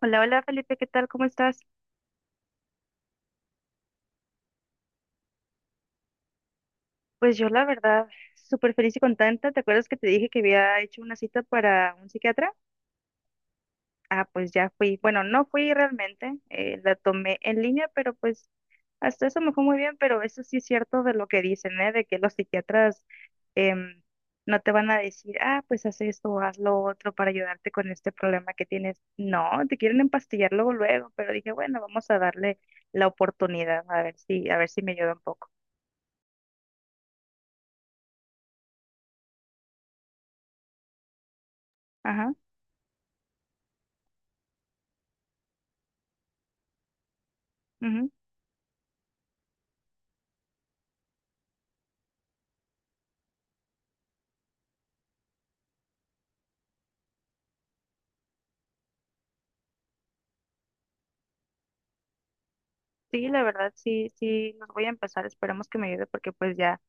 Hola, hola Felipe, ¿qué tal? ¿Cómo estás? Pues yo la verdad, súper feliz y contenta. ¿Te acuerdas que te dije que había hecho una cita para un psiquiatra? Ah, pues ya fui. Bueno, no fui realmente, la tomé en línea, pero pues hasta eso me fue muy bien, pero eso sí es cierto de lo que dicen, ¿eh? De que los psiquiatras em, no te van a decir, ah, pues haz esto, o haz lo otro para ayudarte con este problema que tienes. No, te quieren empastillar luego, luego, pero dije, bueno, vamos a darle la oportunidad, a ver si me ayuda un poco. Ajá. Sí, la verdad, sí, sí, los voy a empezar. Esperemos que me ayude porque pues ya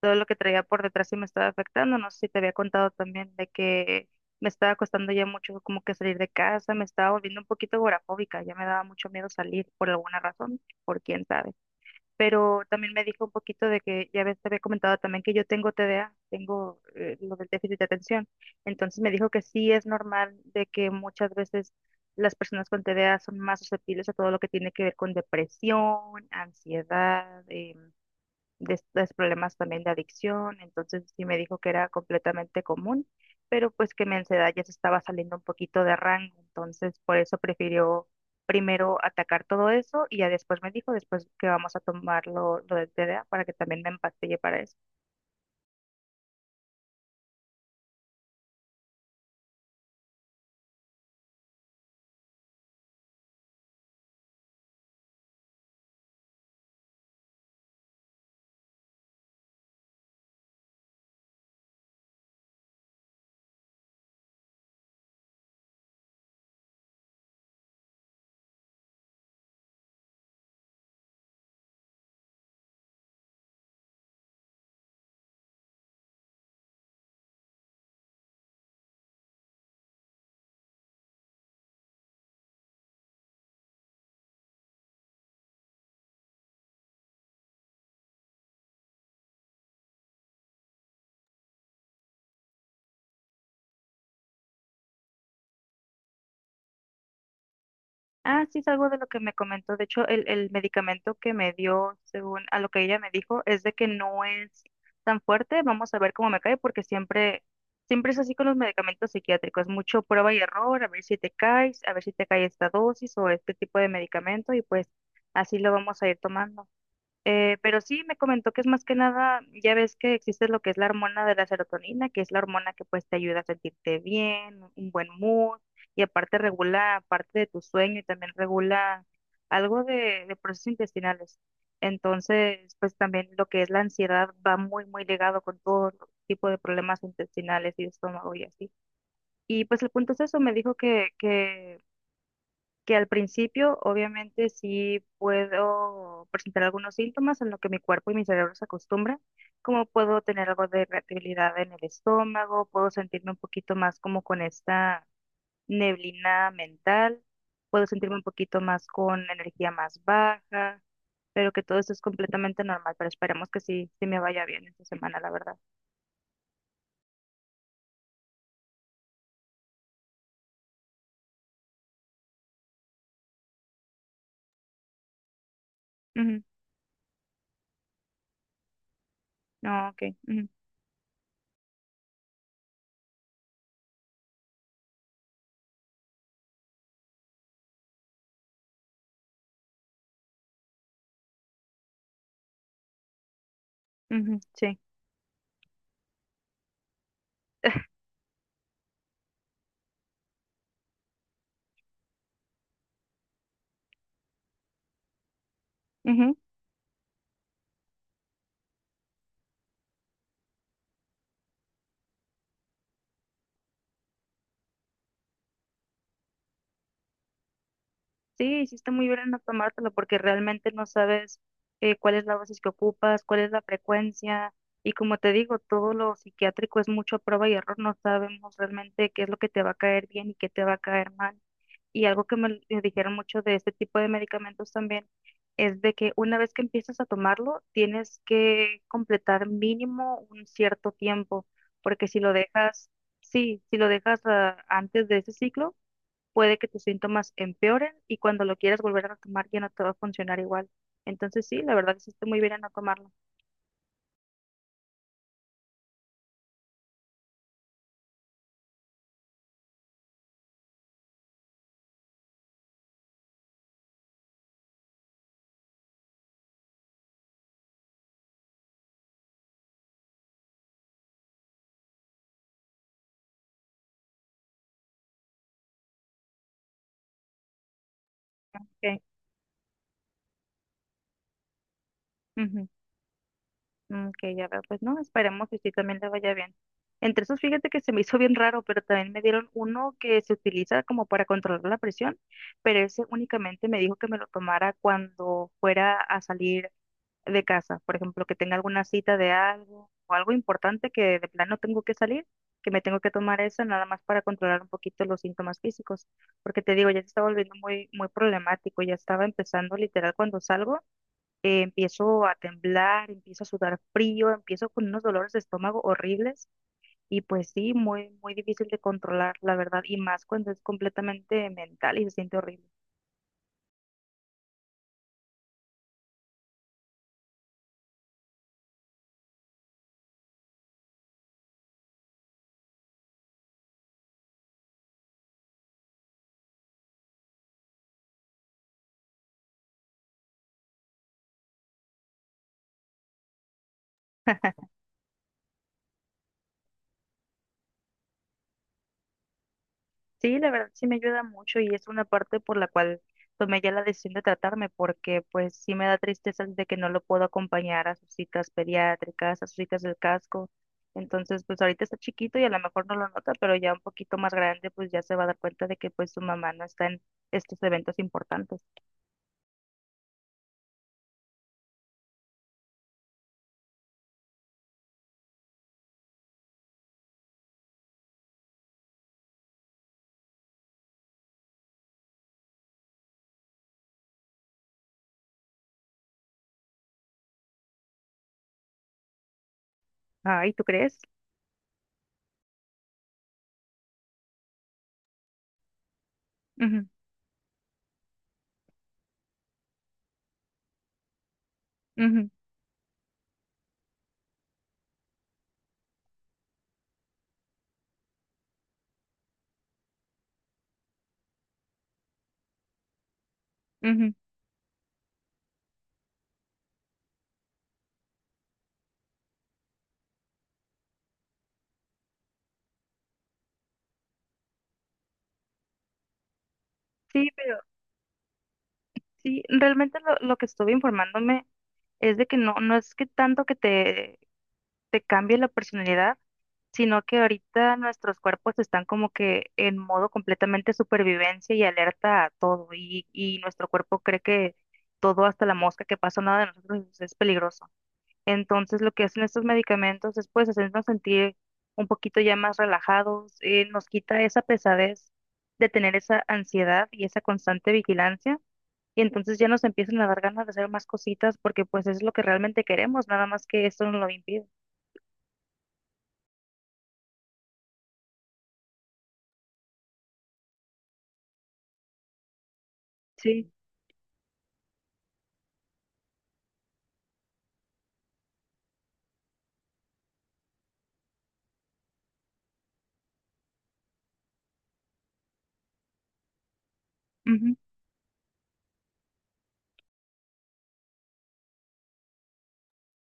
todo lo que traía por detrás sí me estaba afectando. No sé si te había contado también de que me estaba costando ya mucho como que salir de casa, me estaba volviendo un poquito agorafóbica, ya me daba mucho miedo salir por alguna razón, por quién sabe, pero también me dijo un poquito de que ya ves, te había comentado también que yo tengo TDA, tengo lo del déficit de atención. Entonces me dijo que sí es normal de que muchas veces las personas con TDA son más susceptibles a todo lo que tiene que ver con depresión, ansiedad, de estos problemas también de adicción, entonces sí me dijo que era completamente común, pero pues que mi ansiedad ya se estaba saliendo un poquito de rango, entonces por eso prefirió primero atacar todo eso y ya después me dijo, después que vamos a tomar lo del TDA para que también me empastille para eso. Ah, sí, es algo de lo que me comentó. De hecho, el medicamento que me dio, según a lo que ella me dijo, es de que no es tan fuerte. Vamos a ver cómo me cae, porque siempre es así con los medicamentos psiquiátricos. Mucho prueba y error, a ver si te caes, a ver si te cae esta dosis o este tipo de medicamento, y pues así lo vamos a ir tomando. Pero sí me comentó que es más que nada, ya ves que existe lo que es la hormona de la serotonina, que es la hormona que pues te ayuda a sentirte bien, un buen mood, y aparte regula parte de tu sueño y también regula algo de procesos intestinales. Entonces, pues también lo que es la ansiedad va muy ligado con todo tipo de problemas intestinales y de estómago y así. Y pues el punto es eso, me dijo que que al principio obviamente sí puedo presentar algunos síntomas en lo que mi cuerpo y mi cerebro se acostumbran, como puedo tener algo de irritabilidad en el estómago, puedo sentirme un poquito más como con esta neblina mental, puedo sentirme un poquito más con energía más baja, pero que todo esto es completamente normal, pero esperemos que sí, sí me vaya bien esta semana, la verdad. Ujú. No, ok, ujú, ujú, sí. Sí, hiciste muy bien en no tomártelo porque realmente no sabes cuál es la dosis que ocupas, cuál es la frecuencia. Y como te digo, todo lo psiquiátrico es mucho prueba y error. No sabemos realmente qué es lo que te va a caer bien y qué te va a caer mal. Y algo que me dijeron mucho de este tipo de medicamentos también es de que una vez que empiezas a tomarlo, tienes que completar mínimo un cierto tiempo, porque si lo dejas, sí, si lo dejas antes de ese ciclo, puede que tus síntomas empeoren y cuando lo quieras volver a tomar ya no te va a funcionar igual. Entonces sí, la verdad hiciste muy bien en no tomarlo. Ok, ujú, mm, ok, ya veo. Pues no, esperemos que sí también le vaya bien. Entre esos, fíjate que se me hizo bien raro, pero también me dieron uno que se utiliza como para controlar la presión, pero ese únicamente me dijo que me lo tomara cuando fuera a salir de casa, por ejemplo, que tenga alguna cita de algo o algo importante que de plano tengo que salir, que me tengo que tomar eso nada más para controlar un poquito los síntomas físicos, porque te digo, ya se está volviendo muy problemático, ya estaba empezando literal cuando salgo, empiezo a temblar, empiezo a sudar frío, empiezo con unos dolores de estómago horribles y pues sí, muy difícil de controlar, la verdad, y más cuando es completamente mental y se siente horrible. Sí, la verdad sí me ayuda mucho y es una parte por la cual tomé ya la decisión de tratarme, porque pues sí me da tristeza de que no lo puedo acompañar a sus citas pediátricas, a sus citas del casco. Entonces, pues ahorita está chiquito y a lo mejor no lo nota, pero ya un poquito más grande, pues ya se va a dar cuenta de que pues su mamá no está en estos eventos importantes. Ay, ¿tú crees? Ujú, ujú, ujú. Sí, pero sí, realmente lo que estuve informándome es de que no, no es que tanto que te cambie la personalidad, sino que ahorita nuestros cuerpos están como que en modo completamente supervivencia y alerta a todo, y nuestro cuerpo cree que todo, hasta la mosca que pasa nada de nosotros, es peligroso. Entonces lo que hacen estos medicamentos es pues hacernos sentir un poquito ya más relajados, nos quita esa pesadez de tener esa ansiedad y esa constante vigilancia. Y entonces ya nos empiezan a dar ganas de hacer más cositas porque pues es lo que realmente queremos, nada más que esto nos lo impide. Sí. Ujú.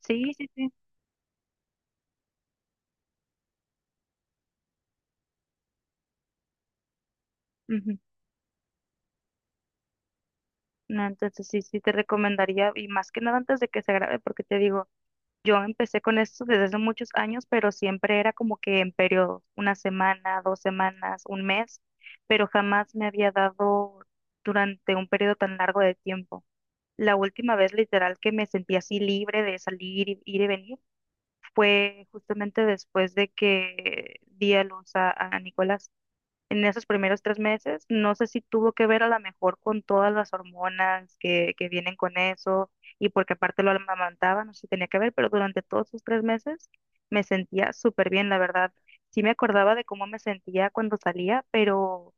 Sí, sí, sí. Ujú. No, entonces sí, sí te recomendaría, y más que nada antes de que se grabe, porque te digo, yo empecé con esto desde hace muchos años, pero siempre era como que en periodos, una semana, dos semanas, un mes, pero jamás me había dado durante un periodo tan largo de tiempo. La última vez literal que me sentí así libre de salir, ir y venir, fue justamente después de que di a luz a Nicolás, en esos primeros 3 meses. No sé si tuvo que ver a lo mejor con todas las hormonas que vienen con eso y porque aparte lo amamantaba, no sé si tenía que ver, pero durante todos esos 3 meses me sentía súper bien, la verdad. Sí me acordaba de cómo me sentía cuando salía, pero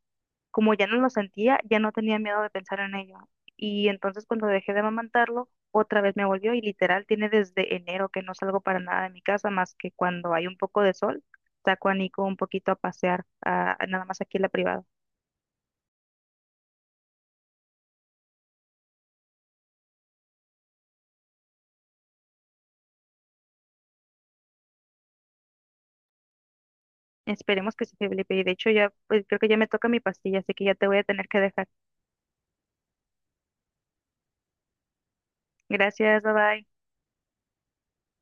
como ya no lo sentía, ya no tenía miedo de pensar en ello. Y entonces cuando dejé de amamantarlo, otra vez me volvió y literal tiene desde enero que no salgo para nada de mi casa más que cuando hay un poco de sol, saco a Nico un poquito a pasear, a nada más aquí en la privada. Esperemos que sí, Felipe. Y de hecho ya, pues creo que ya me toca mi pastilla, así que ya te voy a tener que dejar. Gracias, bye bye.